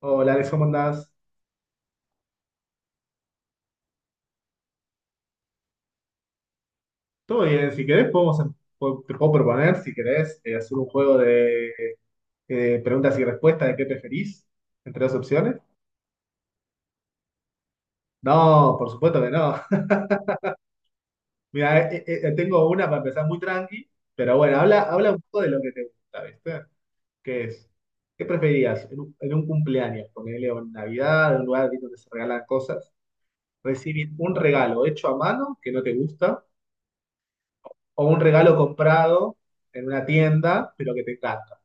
Hola, Alex, ¿cómo andás? Todo bien, si querés podemos, te puedo proponer, si querés, hacer un juego de preguntas y respuestas de qué preferís entre dos opciones. No, por supuesto que no. Mira, tengo una para empezar muy tranqui, pero bueno, habla un poco de lo que te gusta, ¿viste? ¿Qué es? ¿Qué preferirías en un cumpleaños, ponerle en Navidad, en un lugar donde se regalan cosas, recibir un regalo hecho a mano que no te gusta o un regalo comprado en una tienda pero que te encanta?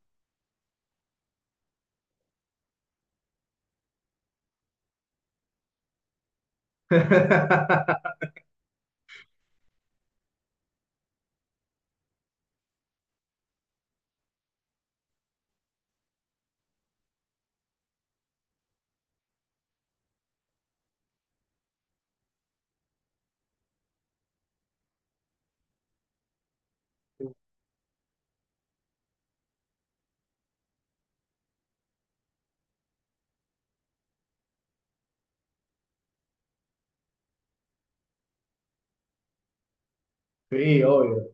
Sí, obvio,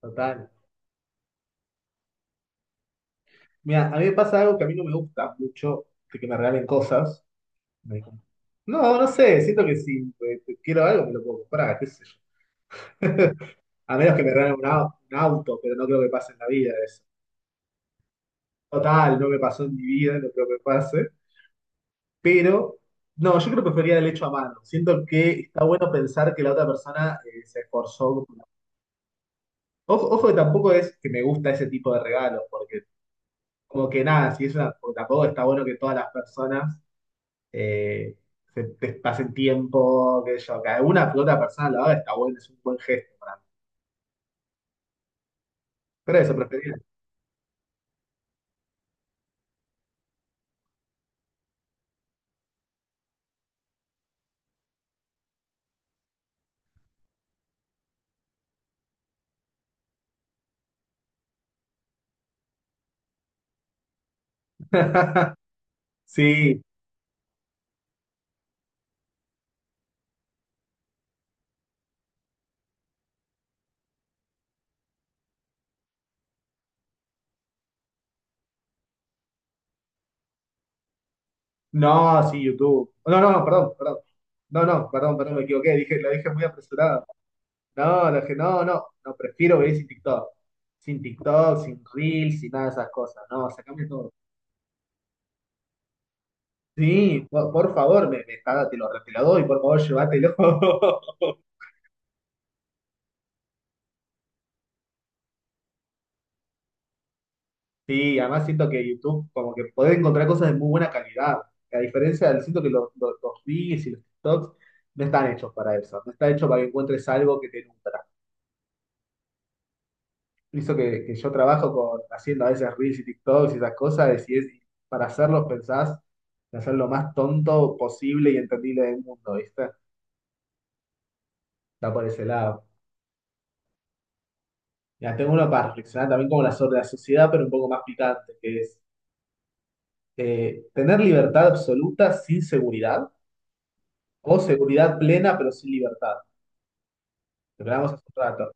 total. Mira, a mí me pasa algo que a mí no me gusta mucho, de que me regalen cosas. Me- No, no sé, siento que si quiero algo me lo puedo comprar, qué sé yo. A menos que me regalen un auto, pero no creo que pase en la vida eso. Total, no me pasó en mi vida, no creo que pase. Pero, no, yo creo que prefería el hecho a mano. Siento que está bueno pensar que la otra persona se esforzó. Ojo, ojo que tampoco es que me gusta ese tipo de regalos, porque como que nada, si es una, porque tampoco está bueno que todas las personas eh, se, te pasen tiempo, que yo, que una que otra persona lo haga, está bueno, es un buen gesto para mí. Pero eso preferiría. Sí, no, sí, YouTube. No, no, no, perdón, perdón. No, no, perdón, perdón, me equivoqué, dije, lo dije muy apresurado. No, lo dije, no, no, no, prefiero vivir sin TikTok. Sin TikTok, sin Reels, sin nada de esas cosas. No, sacame todo. Sí, por favor, me está- te lo doy, por favor, llévatelo. Sí, además siento que YouTube como que podés encontrar cosas de muy buena calidad. A diferencia del siento que los reels y los TikToks no están hechos para eso. No está hecho para que encuentres algo que te nutra. Hizo que yo trabajo con, haciendo a veces reels y TikToks y esas cosas, y si es para hacerlos pensás en hacer lo más tonto posible y entendible del mundo, ¿viste? Está por ese lado. Ya tengo uno para reflexionar también como la sobre la sociedad, pero un poco más picante, que es tener libertad absoluta sin seguridad o seguridad plena, pero sin libertad. Lo que hablamos hace un rato.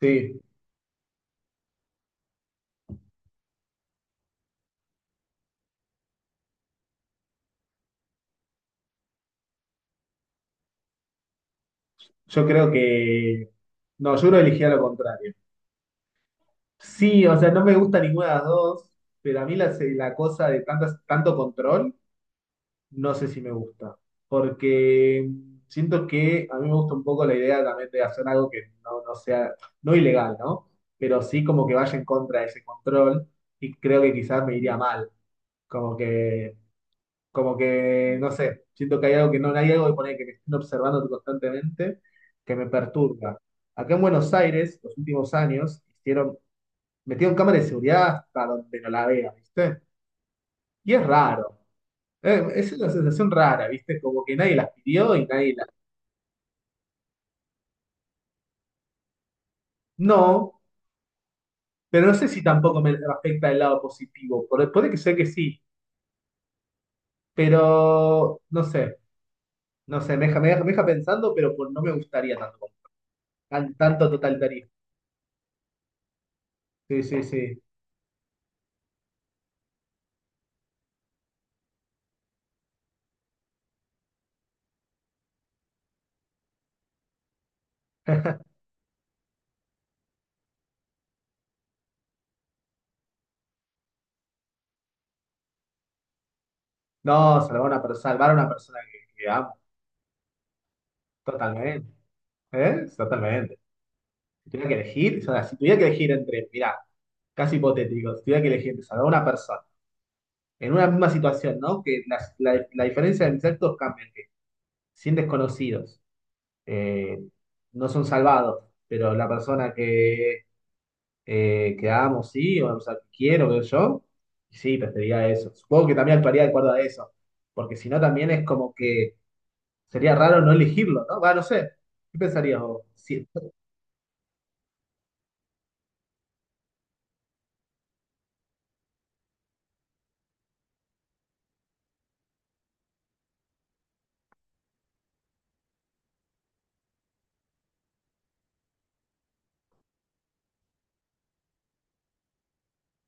Sí, yo creo que. No, yo creo que elegía lo contrario. Sí, o sea, no me gusta ninguna de las dos, pero a mí la cosa de tantas, tanto control, no sé si me gusta. Porque siento que a mí me gusta un poco la idea también de hacer algo que no, no sea, no ilegal, ¿no? Pero sí como que vaya en contra de ese control y creo que quizás me iría mal. Como que Como que, no sé, siento que hay algo que no hay algo de poner que me estén observando constantemente que me perturba. Acá en Buenos Aires, los últimos años, hicieron, metieron cámaras de seguridad hasta donde no la vea, ¿viste? Y es raro. Es una sensación rara, ¿viste? Como que nadie las pidió y nadie las. No, pero no sé si tampoco me afecta el lado positivo. Puede que sea que sí, pero no sé, no sé, me deja pensando, pero pues, no me gustaría tanto, tanto totalitarismo. Sí, sí, sí. No, salvar a una persona, salvar a una persona que amo, totalmente. ¿Eh? Totalmente. Si tuviera que elegir, o sea, si tuviera que elegir entre, mirá, casi hipotético, si tuviera que elegir entre salvar a una persona en una misma situación, ¿no? Que la diferencia de mis actos cambia, que 100 desconocidos eh, no son salvados, pero la persona que amo, sí, o, sea, que quiero, veo yo, sí, preferiría eso. Supongo que también actuaría de acuerdo a eso, porque si no también es como que sería raro no elegirlo, ¿no? Va, no sé. ¿Qué pensarías vos? Sí,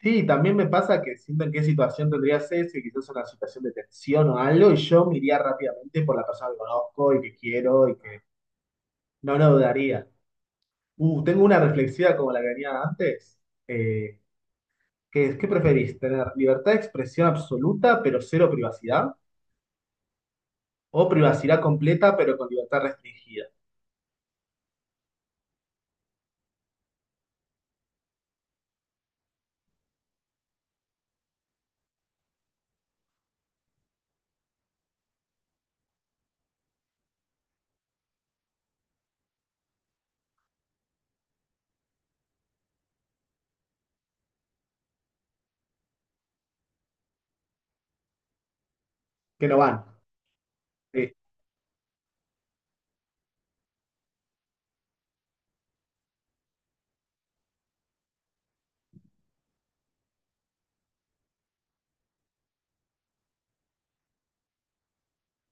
sí, también me pasa que siento en qué situación tendrías ese, quizás una situación de tensión o algo, y yo me iría rápidamente por la persona que conozco y que quiero y que no dudaría. Tengo una reflexiva como la que tenía antes, eh, que es, ¿qué preferís? ¿Tener libertad de expresión absoluta pero cero privacidad? ¿O privacidad completa pero con libertad restringida? Que no van. Sí,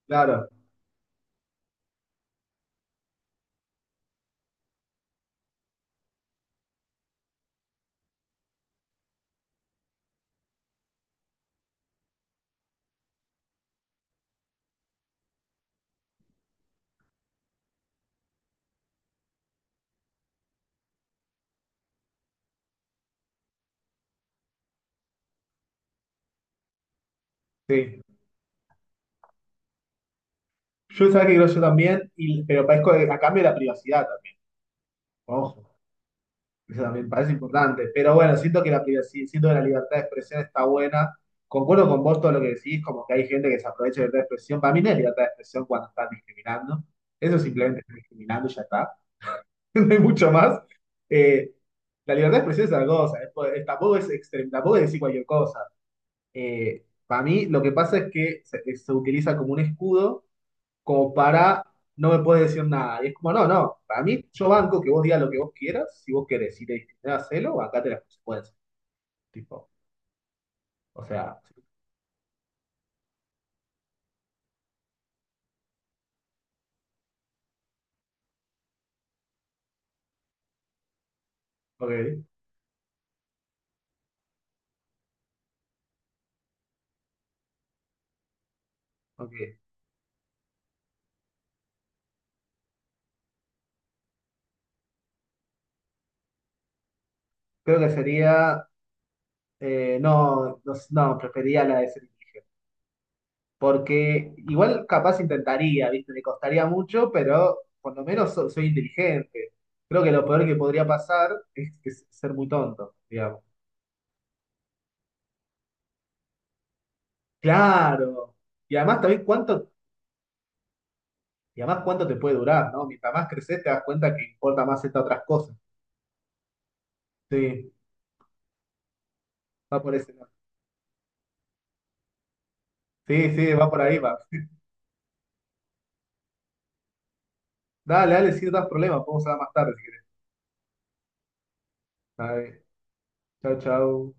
claro, sí. Yo sabía que creo yo también, y, pero parezco a cambio de la privacidad. Ojo, eso también parece importante. Pero bueno, siento que la privacidad, siento que la libertad de expresión está buena. Concuerdo con vos todo lo que decís, como que hay gente que se aprovecha de libertad de expresión. Para mí no es libertad de expresión cuando están discriminando. Eso simplemente está discriminando y ya está. No hay mucho más. Eh, la libertad de expresión es algo, cosa. Tampoco es extrema, tampoco es decir cualquier cosa. Para mí lo que pasa es que se utiliza como un escudo como para no me puedes decir nada. Y es como, no, no, para mí yo banco que vos digas lo que vos quieras, si vos querés, si te discriminás, hacelo, acate las consecuencias. Tipo, o sea, ok, ok. Creo que sería, no, no, no, prefería la de ser. Porque igual capaz intentaría, ¿viste? Me costaría mucho, pero por lo menos soy inteligente. Creo que lo peor que podría pasar es ser muy tonto, digamos. Claro. Y además también cuánto y además, ¿cuánto te puede durar, no? Mientras más creces, te das cuenta que importa más estas otras cosas. Sí, va por ese lado. Sí, sí, va por ahí, va. Dale, dale, si no das problema, podemos hablar más tarde si querés. Dale, chao, chao.